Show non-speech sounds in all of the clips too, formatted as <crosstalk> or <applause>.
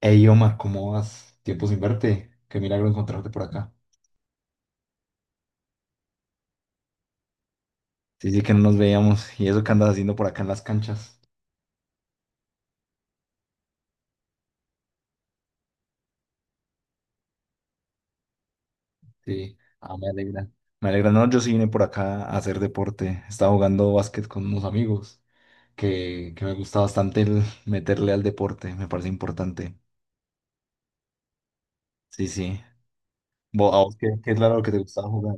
Hey, Omar, ¿cómo vas? Tiempo sin verte. Qué milagro encontrarte por acá. Sí, sí, que no nos veíamos. ¿Y eso que andas haciendo por acá en las canchas? Sí, ah, me alegra. Me alegra. No, yo sí vine por acá a hacer deporte. Estaba jugando básquet con unos amigos, que me gusta bastante el meterle al deporte. Me parece importante. Sí, sí. ¿A vos qué es lo que te gustaba jugar?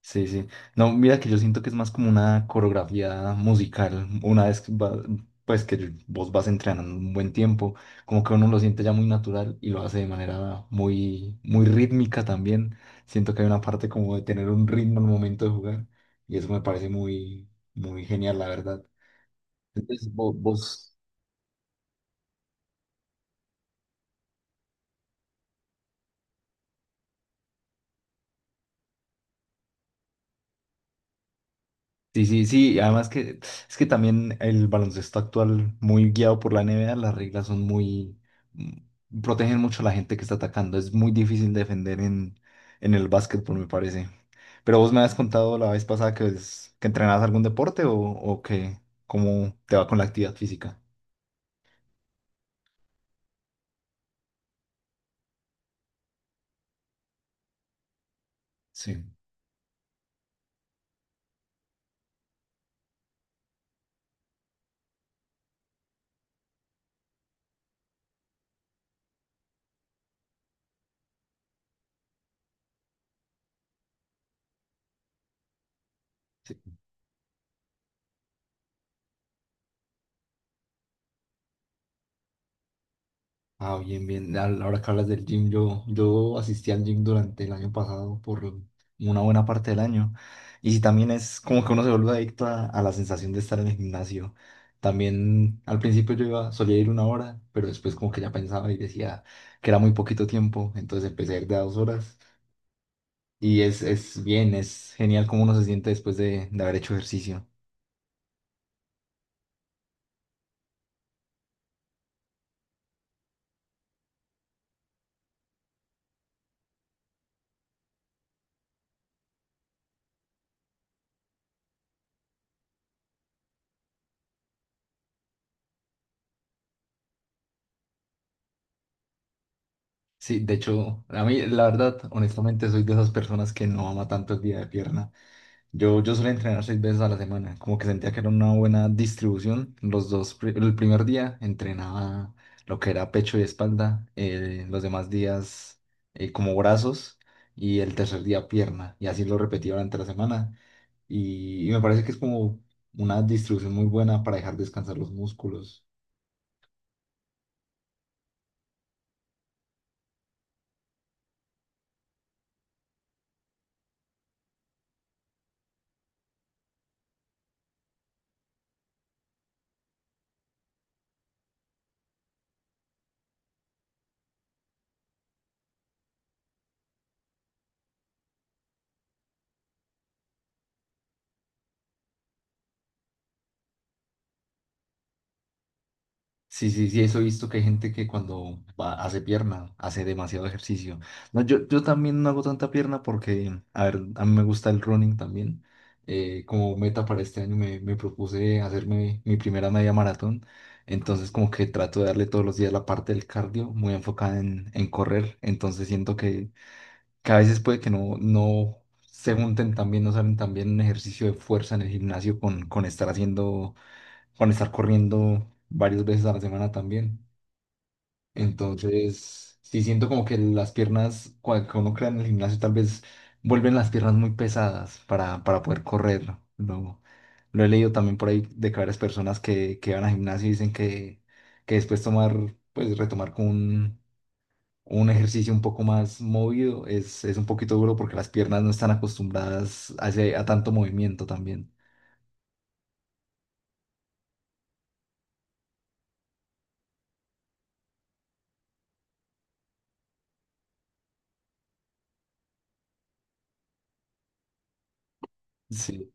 Sí, sí. No, mira que yo siento que es más como una coreografía musical. Una vez que va- pues vos vas entrenando un buen tiempo, como que uno lo siente ya muy natural y lo hace de manera muy, muy rítmica también. Siento que hay una parte como de tener un ritmo al momento de jugar y eso me parece muy, muy genial, la verdad. Entonces, vos. Sí, sí, sí, además que es que también el baloncesto actual, muy guiado por la NBA, las reglas son muy, protegen mucho a la gente que está atacando, es muy difícil defender en el básquetbol, me parece. Pero vos me habías contado la vez pasada que entrenabas algún deporte o que cómo te va con la actividad física. Sí. Ah, bien, bien. Ahora que hablas del gym, yo asistí al gym durante el año pasado por una buena parte del año. Y sí, también es como que uno se vuelve adicto a la sensación de estar en el gimnasio. También al principio yo iba, solía ir una hora, pero después como que ya pensaba y decía que era muy poquito tiempo, entonces empecé a ir de a dos horas. Es bien, es genial cómo uno se siente después de haber hecho ejercicio. Sí, de hecho, a mí la verdad, honestamente, soy de esas personas que no ama tanto el día de pierna. Yo solía entrenar seis veces a la semana, como que sentía que era una buena distribución. El primer día entrenaba lo que era pecho y espalda, los demás días como brazos y el tercer día pierna. Y así lo repetía durante la semana. Y me parece que es como una distribución muy buena para dejar descansar los músculos. Sí, sí, sí, eso he visto que hay gente que hace pierna, hace demasiado ejercicio. No, yo también no hago tanta pierna porque, a ver, a mí me gusta el running también. Como meta para este año me propuse hacerme mi primera media maratón. Entonces como que trato de darle todos los días la parte del cardio muy enfocada en correr. Entonces siento que a veces puede que no se junten tan bien, no salen tan bien un ejercicio de fuerza en el gimnasio con estar haciendo para estar corriendo varias veces a la semana también. Entonces, sí siento como que las piernas, que uno crea en el gimnasio, tal vez vuelven las piernas muy pesadas para poder correr. Lo he leído también por ahí de que varias personas que van al gimnasio y dicen que después tomar, pues retomar con un ejercicio un poco más movido es un poquito duro porque las piernas no están acostumbradas a tanto movimiento también. Sí.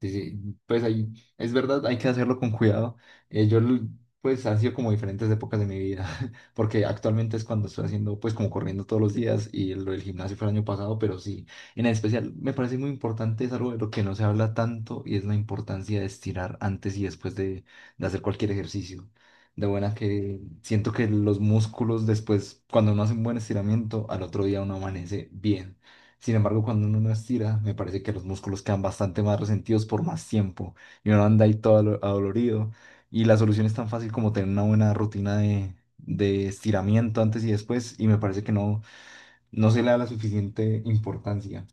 Sí, sí, pues ahí, es verdad, hay que hacerlo con cuidado. Eh, yo, l- pues, ha sido como diferentes épocas de mi vida, <laughs> porque actualmente es cuando estoy haciendo, pues, como corriendo todos los días y lo del gimnasio fue el año pasado, pero sí, en especial me parece muy importante, es algo de lo que no se habla tanto y es la importancia de estirar antes y después de hacer cualquier ejercicio. De buena que siento que los músculos después, cuando uno hace un buen estiramiento, al otro día uno amanece bien. Sin embargo, cuando uno no estira, me parece que los músculos quedan bastante más resentidos por más tiempo y uno anda ahí adolorido. Y la solución es tan fácil como tener una buena rutina de estiramiento antes y después y me parece que no, no se le da la suficiente importancia.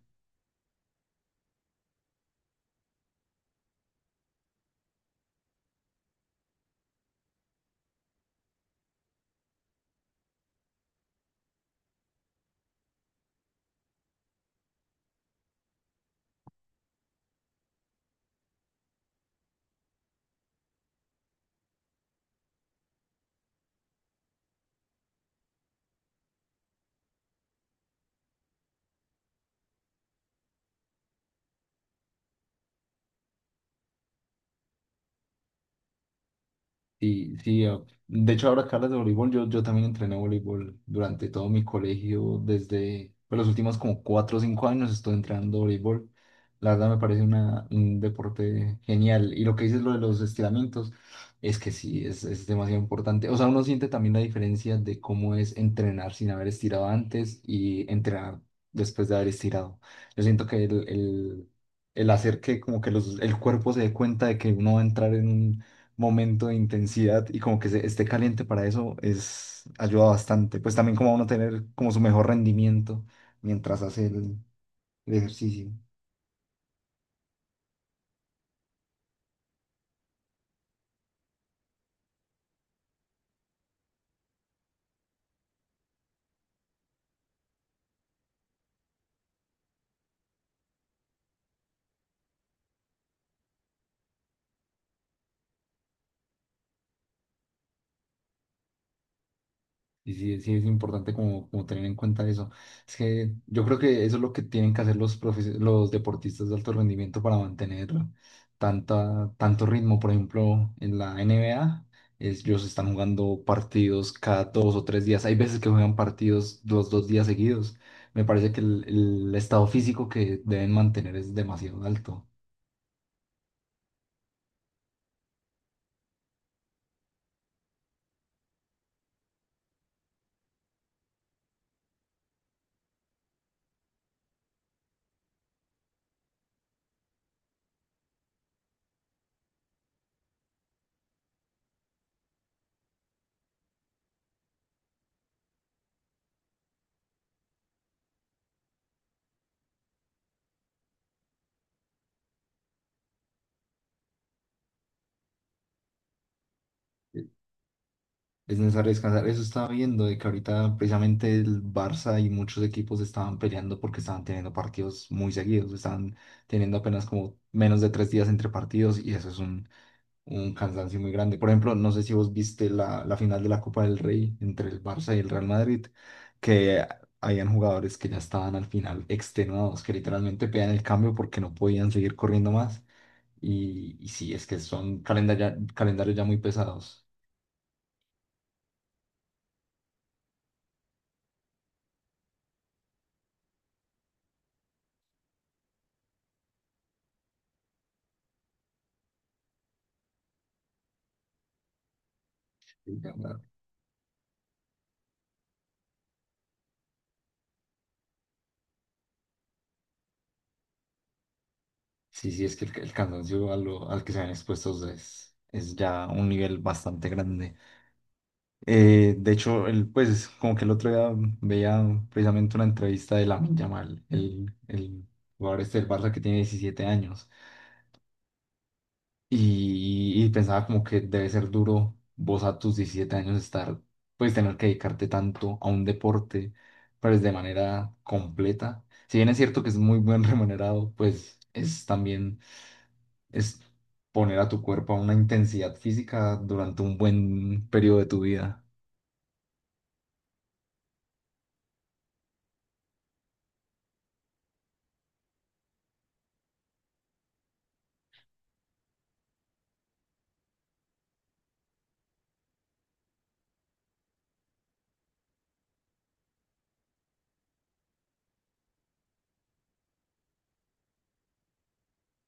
Sí, sí, ah, de hecho ahora que hablas de voleibol, yo también entrené voleibol durante todo mi colegio, desde pues, los últimos como cuatro o cinco años estoy entrenando voleibol. La verdad me parece un deporte genial. Y lo que dices lo de los estiramientos, es que sí, es demasiado importante. O sea, uno siente también la diferencia de cómo es entrenar sin haber estirado antes y entrenar después de haber estirado. Yo siento que el hacer que como que el cuerpo se dé cuenta de que uno va a entrar en un momento de intensidad y como que esté caliente para eso es ayuda bastante. Pues también como a uno tener como su mejor rendimiento mientras hace el ejercicio. Y sí, sí es importante como, como tener en cuenta eso. Es que yo creo que eso es lo que tienen que hacer los deportistas de alto rendimiento para mantener tanto ritmo. Por ejemplo, en la NBA, ellos están jugando partidos cada dos o tres días. Hay veces que juegan partidos los dos días seguidos. Me parece que el estado físico que deben mantener es demasiado alto. Es necesario descansar. Eso estaba viendo de que ahorita precisamente el Barça y muchos equipos estaban peleando porque estaban teniendo partidos muy seguidos, estaban teniendo apenas como menos de tres días entre partidos y eso es un cansancio muy grande. Por ejemplo, no sé si vos viste la final de la Copa del Rey entre el Barça y el Real Madrid, que habían jugadores que ya estaban al final extenuados, que literalmente pedían el cambio porque no podían seguir corriendo más. Y sí, es que son calendarios ya muy pesados. Sí, sí, es que el cansancio al que se ven expuestos es ya un nivel bastante grande. De hecho, el, pues como que el otro día veía precisamente una entrevista de Lamine Yamal, el jugador este del Barça que tiene 17 años, y pensaba como que debe ser duro vos a tus 17 años estar, pues tener que dedicarte tanto a un deporte, pues de manera completa. Si bien es cierto que es muy buen <laughs> remunerado, pues es también es poner a tu cuerpo a una intensidad física durante un buen periodo de tu vida.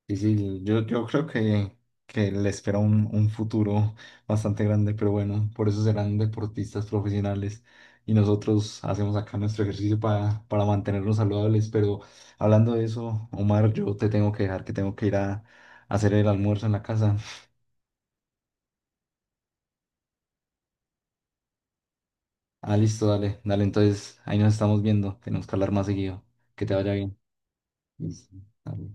Y sí, yo creo que le espera un futuro bastante grande, pero bueno, por eso serán deportistas profesionales y nosotros hacemos acá nuestro ejercicio para mantenernos saludables. Pero hablando de eso, Omar, yo te tengo que dejar que tengo que ir a hacer el almuerzo en la casa. Ah, listo, dale, dale, entonces ahí nos estamos viendo, tenemos que hablar más seguido. Que te vaya bien. Listo, dale.